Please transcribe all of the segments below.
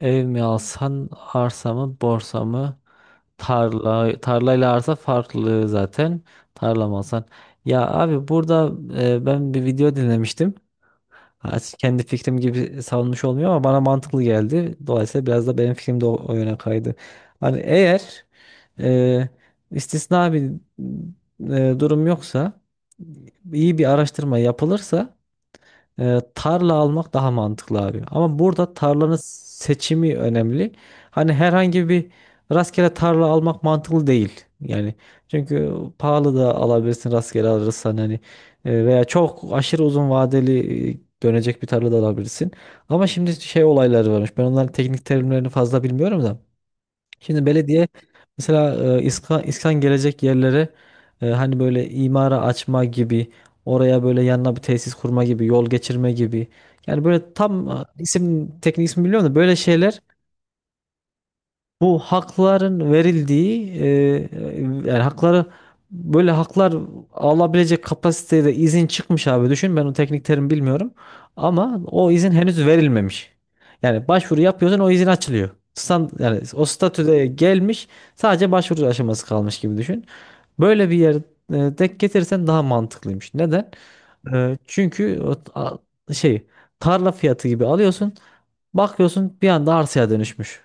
Ev mi alsan, arsa mı, borsa mı? Tarla, tarlayla arsa farklı zaten. Tarla mı alsan? Ya abi burada ben bir video dinlemiştim. Ha, kendi fikrim gibi savunmuş olmuyor ama bana mantıklı geldi. Dolayısıyla biraz da benim fikrim de o yöne kaydı. Hani eğer e, istisna bir durum yoksa iyi bir araştırma yapılırsa tarla almak daha mantıklı abi. Ama burada tarlanın seçimi önemli. Hani herhangi bir rastgele tarla almak mantıklı değil. Yani çünkü pahalı da alabilirsin rastgele alırsan hani. Veya çok aşırı uzun vadeli dönecek bir tarla da alabilirsin. Ama şimdi şey olayları varmış. Ben onların teknik terimlerini fazla bilmiyorum da. Şimdi belediye mesela İSKA, İSKAN gelecek yerlere, hani böyle imara açma gibi, oraya böyle yanına bir tesis kurma gibi, yol geçirme gibi, yani böyle tam isim teknik ismi biliyorum da böyle şeyler, bu hakların verildiği, yani hakları, böyle haklar alabilecek kapasitede izin çıkmış abi, düşün ben o teknik terim bilmiyorum ama o izin henüz verilmemiş. Yani başvuru yapıyorsun o izin açılıyor. Stand, yani o statüde gelmiş sadece başvuru aşaması kalmış gibi düşün. Böyle bir yer denk getirsen daha mantıklıymış. Neden? Çünkü o, a- şey tarla fiyatı gibi alıyorsun, bakıyorsun bir anda arsaya dönüşmüş.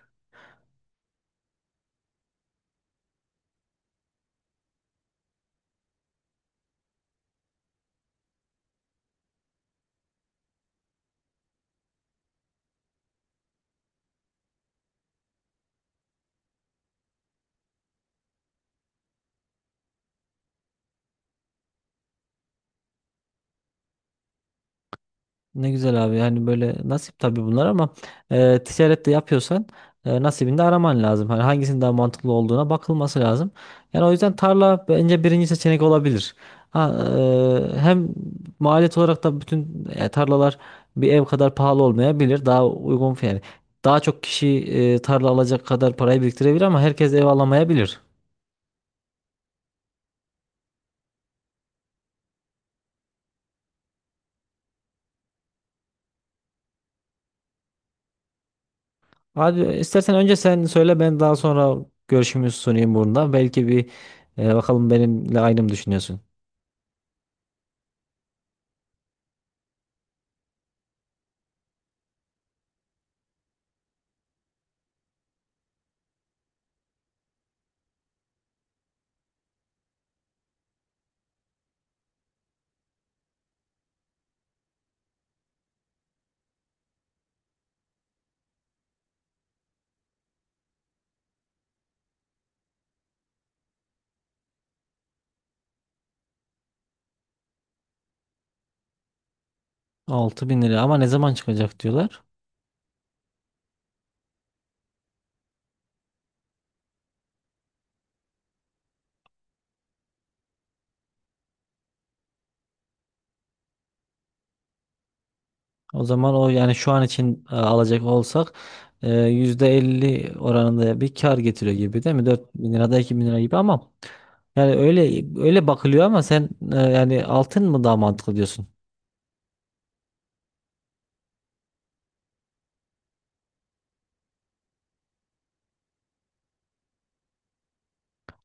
Ne güzel abi, yani böyle nasip tabii bunlar ama ticaret de yapıyorsan nasibini de araman lazım. Hani hangisinin daha mantıklı olduğuna bakılması lazım. Yani o yüzden tarla bence birinci seçenek olabilir. Ha, hem maliyet olarak da bütün tarlalar bir ev kadar pahalı olmayabilir. Daha uygun yani daha çok kişi tarla alacak kadar parayı biriktirebilir ama herkes ev alamayabilir. Abi istersen önce sen söyle, ben daha sonra görüşümü sunayım burada. Belki bakalım benimle aynı mı düşünüyorsun? 6.000 lira ama ne zaman çıkacak diyorlar. O zaman o, yani şu an için alacak olsak %50 oranında bir kar getiriyor gibi değil mi? 4.000 lirada 2.000 lira gibi ama yani öyle bakılıyor. Ama sen yani altın mı daha mantıklı diyorsun?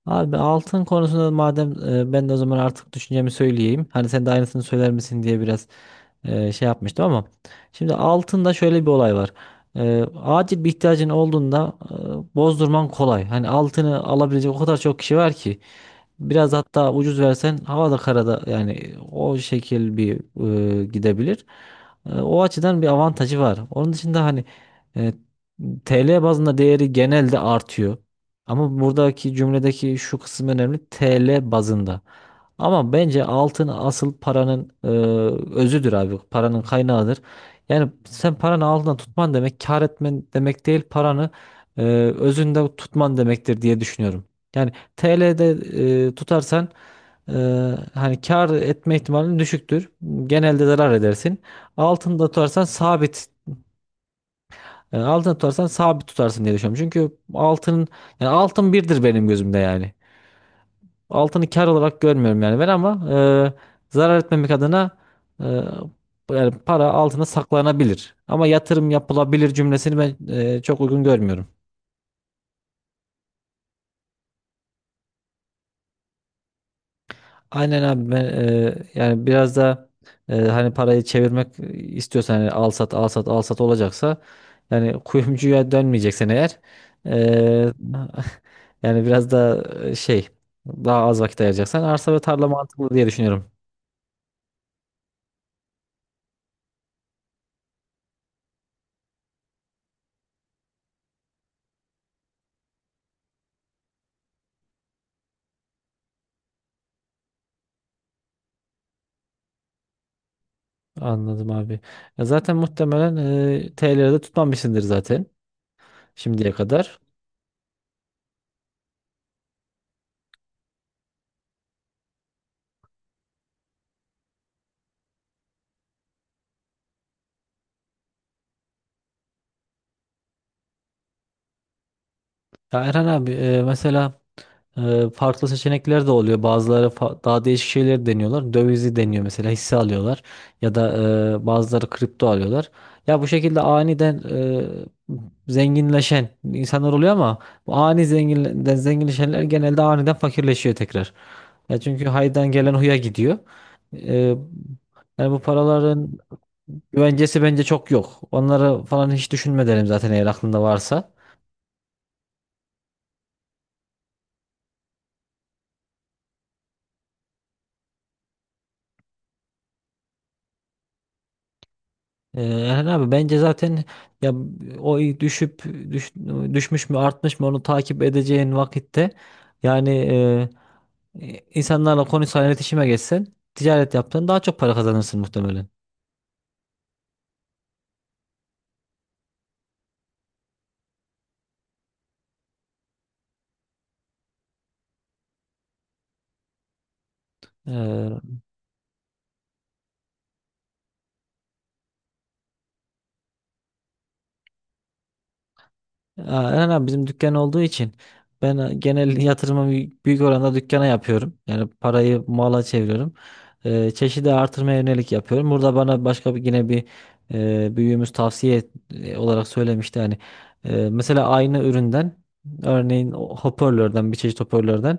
Abi altın konusunda madem, ben de o zaman artık düşüncemi söyleyeyim. Hani sen de aynısını söyler misin diye biraz şey yapmıştım ama şimdi altında şöyle bir olay var. Acil bir ihtiyacın olduğunda bozdurman kolay. Hani altını alabilecek o kadar çok kişi var ki biraz hatta ucuz versen havada karada, yani o şekil bir gidebilir. O açıdan bir avantajı var. Onun dışında hani e, TL bazında değeri genelde artıyor. Ama buradaki cümledeki şu kısım önemli. TL bazında. Ama bence altın asıl paranın özüdür abi. Paranın kaynağıdır. Yani sen paranı altında tutman demek kar etmen demek değil, paranı e, özünde tutman demektir diye düşünüyorum. Yani TL'de tutarsan, e, hani kar etme ihtimalin düşüktür. Genelde zarar edersin. Altında tutarsan sabit, yani altını tutarsan sabit tutarsın diye düşünüyorum. Çünkü altının, yani altın birdir benim gözümde yani. Altını kar olarak görmüyorum yani ben, ama zarar etmemek adına, e, yani para altına saklanabilir. Ama yatırım yapılabilir cümlesini ben çok uygun görmüyorum. Aynen abi. Ben yani biraz da hani parayı çevirmek istiyorsan, hani al sat al sat al sat olacaksa, yani kuyumcuya dönmeyeceksen eğer, e, Yani biraz da şey, daha az vakit ayıracaksan arsa ve tarla mantıklı diye düşünüyorum. Anladım abi. Ya zaten muhtemelen TL'de tutmamışsındır zaten şimdiye kadar. Ya Erhan abi, mesela farklı seçenekler de oluyor. Bazıları daha değişik şeyleri deniyorlar. Dövizi deniyor, mesela hisse alıyorlar ya da bazıları kripto alıyorlar. Ya bu şekilde aniden zenginleşen insanlar oluyor ama bu ani zenginleşenler genelde aniden fakirleşiyor tekrar. Ya çünkü haydan gelen huya gidiyor. Ee, yani bu paraların güvencesi bence çok yok. Onları falan hiç düşünme derim zaten eğer aklında varsa. Erhan abi bence zaten, ya o düşüp düş- düşmüş mü artmış mı onu takip edeceğin vakitte, yani insanlarla konuşsan, iletişime geçsen, ticaret yapsan daha çok para kazanırsın muhtemelen. Ee, Eren abi bizim dükkan olduğu için ben genel yatırımı büyük büyük oranda dükkana yapıyorum. Yani parayı mala çeviriyorum. Çeşidi artırmaya yönelik yapıyorum. Burada bana başka bir, yine bir büyüğümüz tavsiye olarak söylemişti. Yani mesela aynı üründen, örneğin o hoparlörden, bir çeşit hoparlörden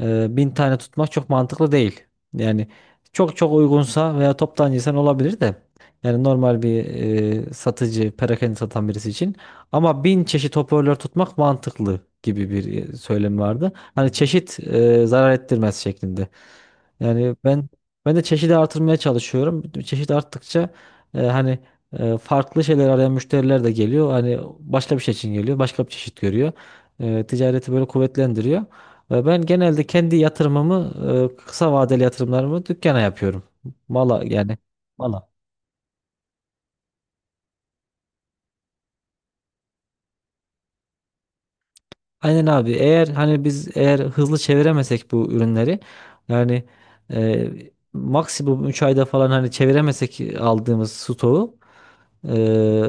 1.000 tane tutmak çok mantıklı değil. Yani çok çok uygunsa veya toptancıysan olabilir de, yani normal bir satıcı, perakende satan birisi için ama 1.000 çeşit hoparlör tutmak mantıklı, gibi bir söylem vardı. Hani çeşit zarar ettirmez şeklinde. Yani ben de çeşidi artırmaya çalışıyorum. Çeşit arttıkça hani farklı şeyler arayan müşteriler de geliyor. Hani başka bir şey için geliyor, başka bir çeşit görüyor. Ticareti böyle kuvvetlendiriyor. Ve ben genelde kendi yatırımımı, kısa vadeli yatırımlarımı dükkana yapıyorum. Mala yani. Mala. Aynen abi. Eğer hani biz eğer hızlı çeviremesek bu ürünleri, yani e, maksimum 3 ayda falan hani çeviremesek aldığımız stoğu, Ee,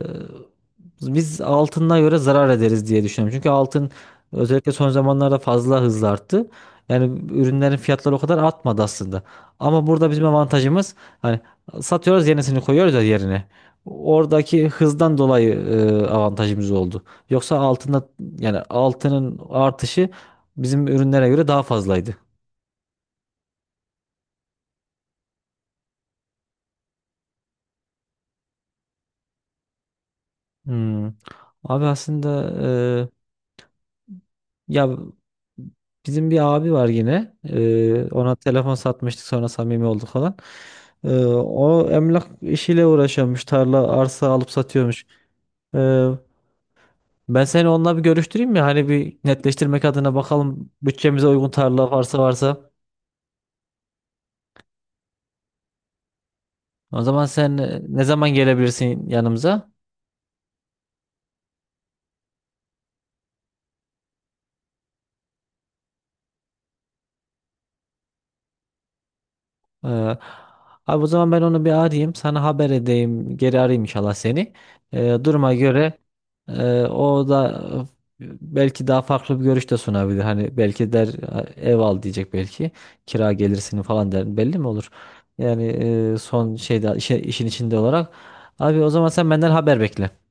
biz altına göre zarar ederiz diye düşünüyorum. Çünkü altın özellikle son zamanlarda fazla hızlı arttı. Yani ürünlerin fiyatları o kadar artmadı aslında. Ama burada bizim avantajımız, hani satıyoruz, yenisini koyuyoruz ya yerine. Oradaki hızdan dolayı avantajımız oldu. Yoksa altında, yani altının artışı bizim ürünlere göre daha fazlaydı. Hmm. Abi aslında, ya bizim bir abi var yine. Ona telefon satmıştık, sonra samimi olduk falan. O emlak işiyle uğraşıyormuş. Tarla arsa alıp satıyormuş. Ee, Ben seni onunla bir görüştüreyim mi? Hani bir netleştirmek adına, bakalım bütçemize uygun tarla varsa. O zaman sen ne zaman gelebilirsin yanımıza? Ee, abi o zaman ben onu bir arayayım, sana haber edeyim. Geri arayayım inşallah seni. Duruma göre o da belki daha farklı bir görüş de sunabilir. Hani belki der ev al diyecek belki. Kira gelirsini falan der, belli mi olur? Yani son şeyde işin içinde olarak. Abi o zaman sen benden haber bekle.